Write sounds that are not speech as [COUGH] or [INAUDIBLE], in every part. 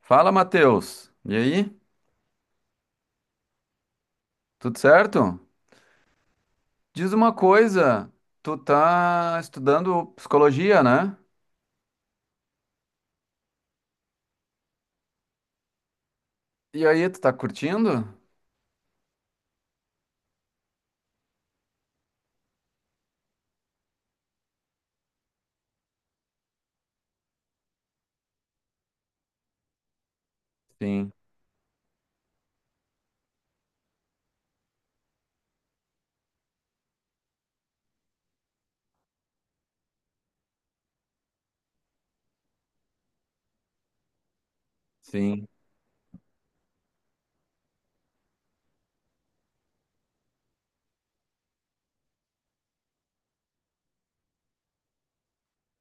Fala, Matheus. E aí? Tudo certo? Diz uma coisa, tu tá estudando psicologia, né? E aí, tu tá curtindo? Sim, sim.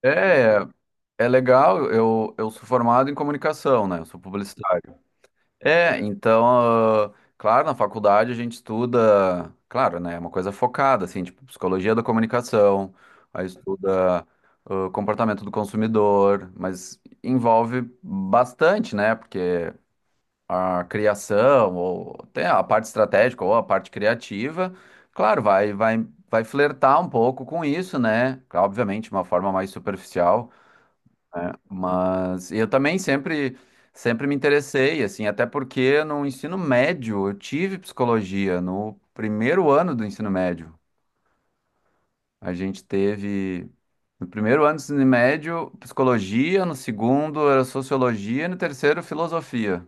É, é legal. Eu sou formado em comunicação, né? Eu sou publicitário. É, então, claro, na faculdade a gente estuda, claro, né? É uma coisa focada, assim, tipo, psicologia da comunicação, aí estuda, comportamento do consumidor, mas envolve bastante, né? Porque a criação, ou até a parte estratégica ou a parte criativa, claro, vai flertar um pouco com isso, né? Claro, obviamente, de uma forma mais superficial, né? Mas eu também sempre me interessei, assim, até porque no ensino médio eu tive psicologia, no primeiro ano do ensino médio. A gente teve. No primeiro ano do ensino médio, psicologia, no segundo era sociologia, e no terceiro, filosofia.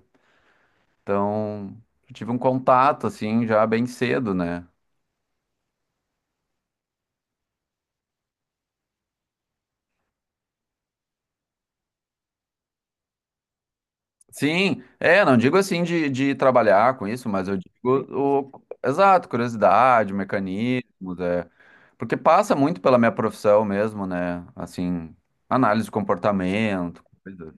Então, eu tive um contato, assim, já bem cedo, né? Sim, é, não digo assim de trabalhar com isso, mas eu digo exato, curiosidade, mecanismos, é. Porque passa muito pela minha profissão mesmo, né? Assim, análise do comportamento, coisa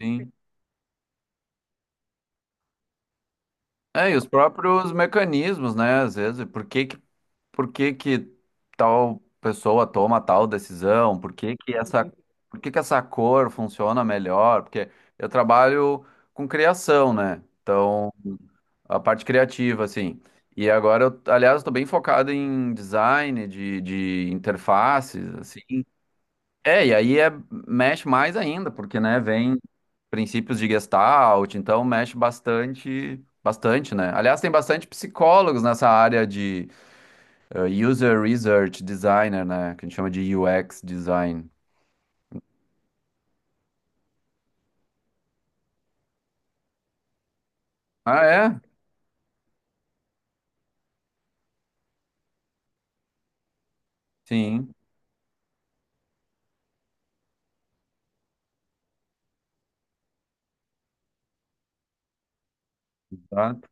assim. É, e os próprios mecanismos, né? Às vezes, por que que tal pessoa toma tal decisão? Por que que essa cor funciona melhor? Porque eu trabalho com criação, né? Então, a parte criativa, assim. E agora, eu, aliás, estou bem focado em design de interfaces, assim. É, e aí é, mexe mais ainda, porque, né, vem princípios de Gestalt, então mexe bastante, bastante, né? Aliás, tem bastante psicólogos nessa área de User Research Designer, né, que a gente chama de UX Design. Ah, é? Sim, exato,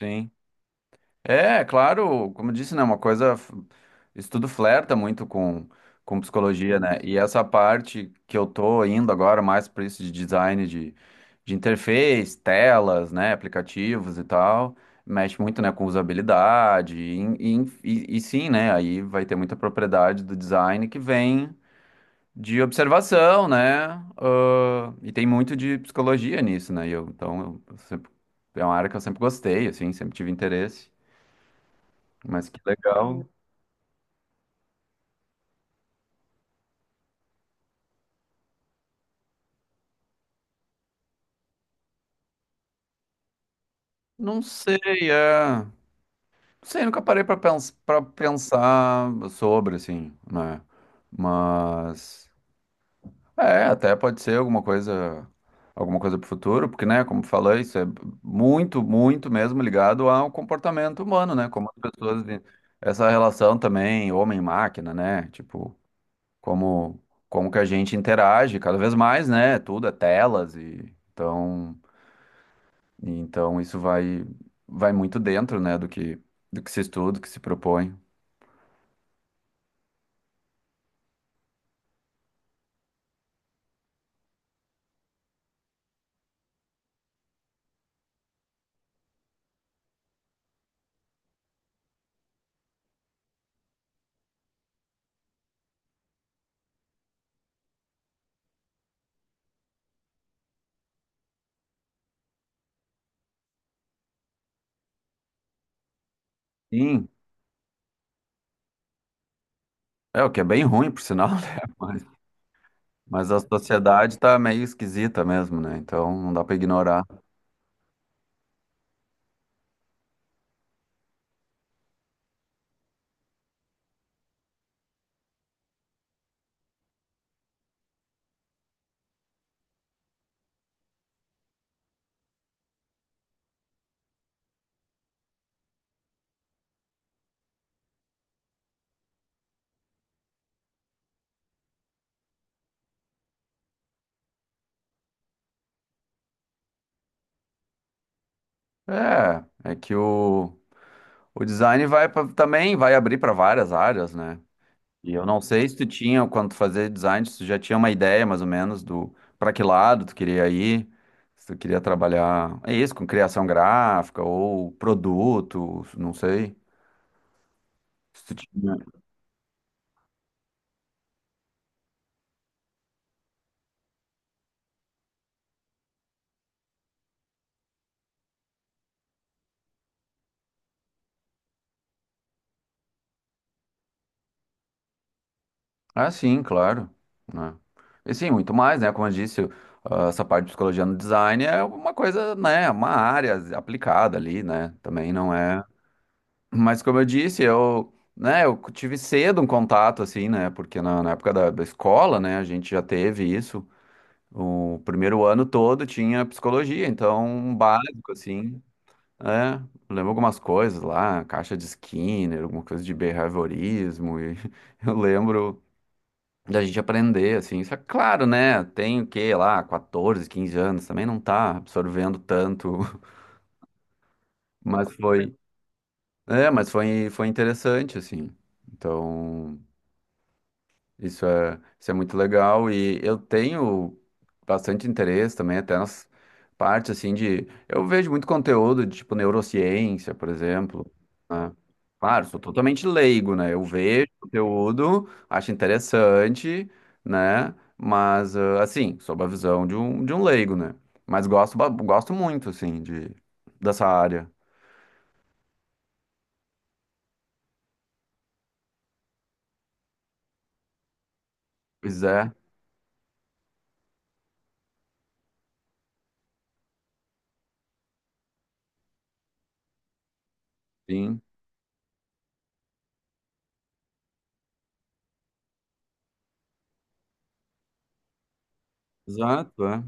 sim. É, claro, como eu disse, né, uma coisa, isso tudo flerta muito com psicologia, né, e essa parte que eu tô indo agora mais para isso de design de interface, telas, né, aplicativos e tal, mexe muito, né, com usabilidade, e sim, né, aí vai ter muita propriedade do design que vem de observação, né, e tem muito de psicologia nisso, né, e eu, então, é uma área que eu sempre gostei, assim, sempre tive interesse. Mas que legal. Não sei, é. Não sei, nunca parei pra pensar sobre, assim, né? Mas. É, até pode ser alguma coisa. Alguma coisa pro futuro, porque, né, como falei, isso é muito, muito mesmo ligado ao comportamento humano, né? Como as pessoas. Essa relação também, homem-máquina, né? Tipo, como, como que a gente interage cada vez mais, né? Tudo é telas e então. E então isso vai muito dentro, né, do que se estuda, do que se propõe. Sim, é o que é bem ruim, por sinal, né? [LAUGHS] Mas, mas, a sociedade tá meio esquisita mesmo, né? Então não dá para ignorar. É, é que o design também vai abrir para várias áreas, né? E eu não sei se tu tinha quando tu fazia design, se tu já tinha uma ideia mais ou menos do para que lado tu queria ir. Se tu queria trabalhar, é isso, com criação gráfica ou produto, não sei. Se tu tinha- Ah, sim, claro, né? E sim, muito mais, né? Como eu disse, essa parte de psicologia no design é uma coisa, né? Uma área aplicada ali, né? Também não é. Mas como eu disse, eu, né? Eu tive cedo um contato assim, né? Porque na época da escola, né? A gente já teve isso. O primeiro ano todo tinha psicologia, então um básico assim. É, lembro algumas coisas lá, caixa de Skinner, alguma coisa de behaviorismo, e [LAUGHS] eu lembro da gente aprender, assim. Só que, claro, né? Tem o quê lá, 14, 15 anos, também não tá absorvendo tanto, [LAUGHS] mas foi. É, mas foi interessante, assim. Então. Isso é muito legal e eu tenho bastante interesse também, até nas partes assim de. Eu vejo muito conteúdo de tipo neurociência, por exemplo, né? Claro, sou totalmente leigo, né? Eu vejo conteúdo, acho interessante, né? Mas assim, sob a visão de um, leigo, né? Mas gosto, gosto muito, assim, dessa área. Pois é, sim. Exato, é.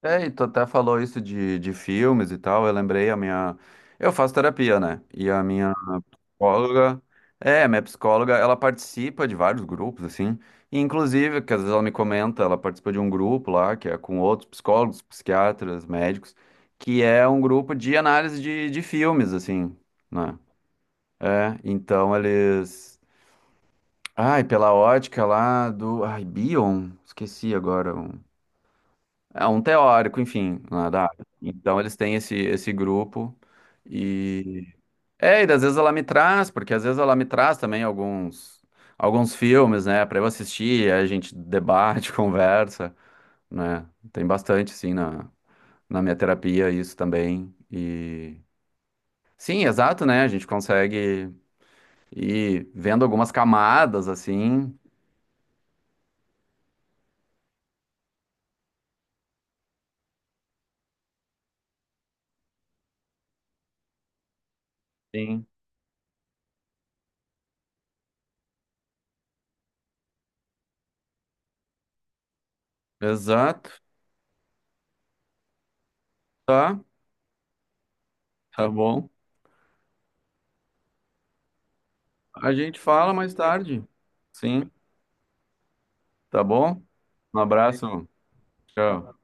É, e tu até falou isso de filmes e tal. Eu lembrei a minha. Eu faço terapia, né? E a minha psicóloga. É, a minha psicóloga, ela participa de vários grupos, assim. E, inclusive, que às vezes ela me comenta, ela participa de um grupo lá, que é com outros psicólogos, psiquiatras, médicos, que é um grupo de análise de filmes, assim, né? É, então eles. Ai, pela ótica lá do. Ai, Bion? Esqueci agora. É um teórico, enfim, lá da área. Então eles têm esse grupo e e às vezes ela me traz, porque às vezes ela me traz também alguns filmes, né, para eu assistir, aí a gente debate, [LAUGHS] conversa, né? Tem bastante sim na minha terapia isso também e sim, exato, né? A gente consegue ir vendo algumas camadas assim. Sim. Exato. Tá, tá bom. A gente fala mais tarde. Sim. Tá bom? Um abraço. Tchau.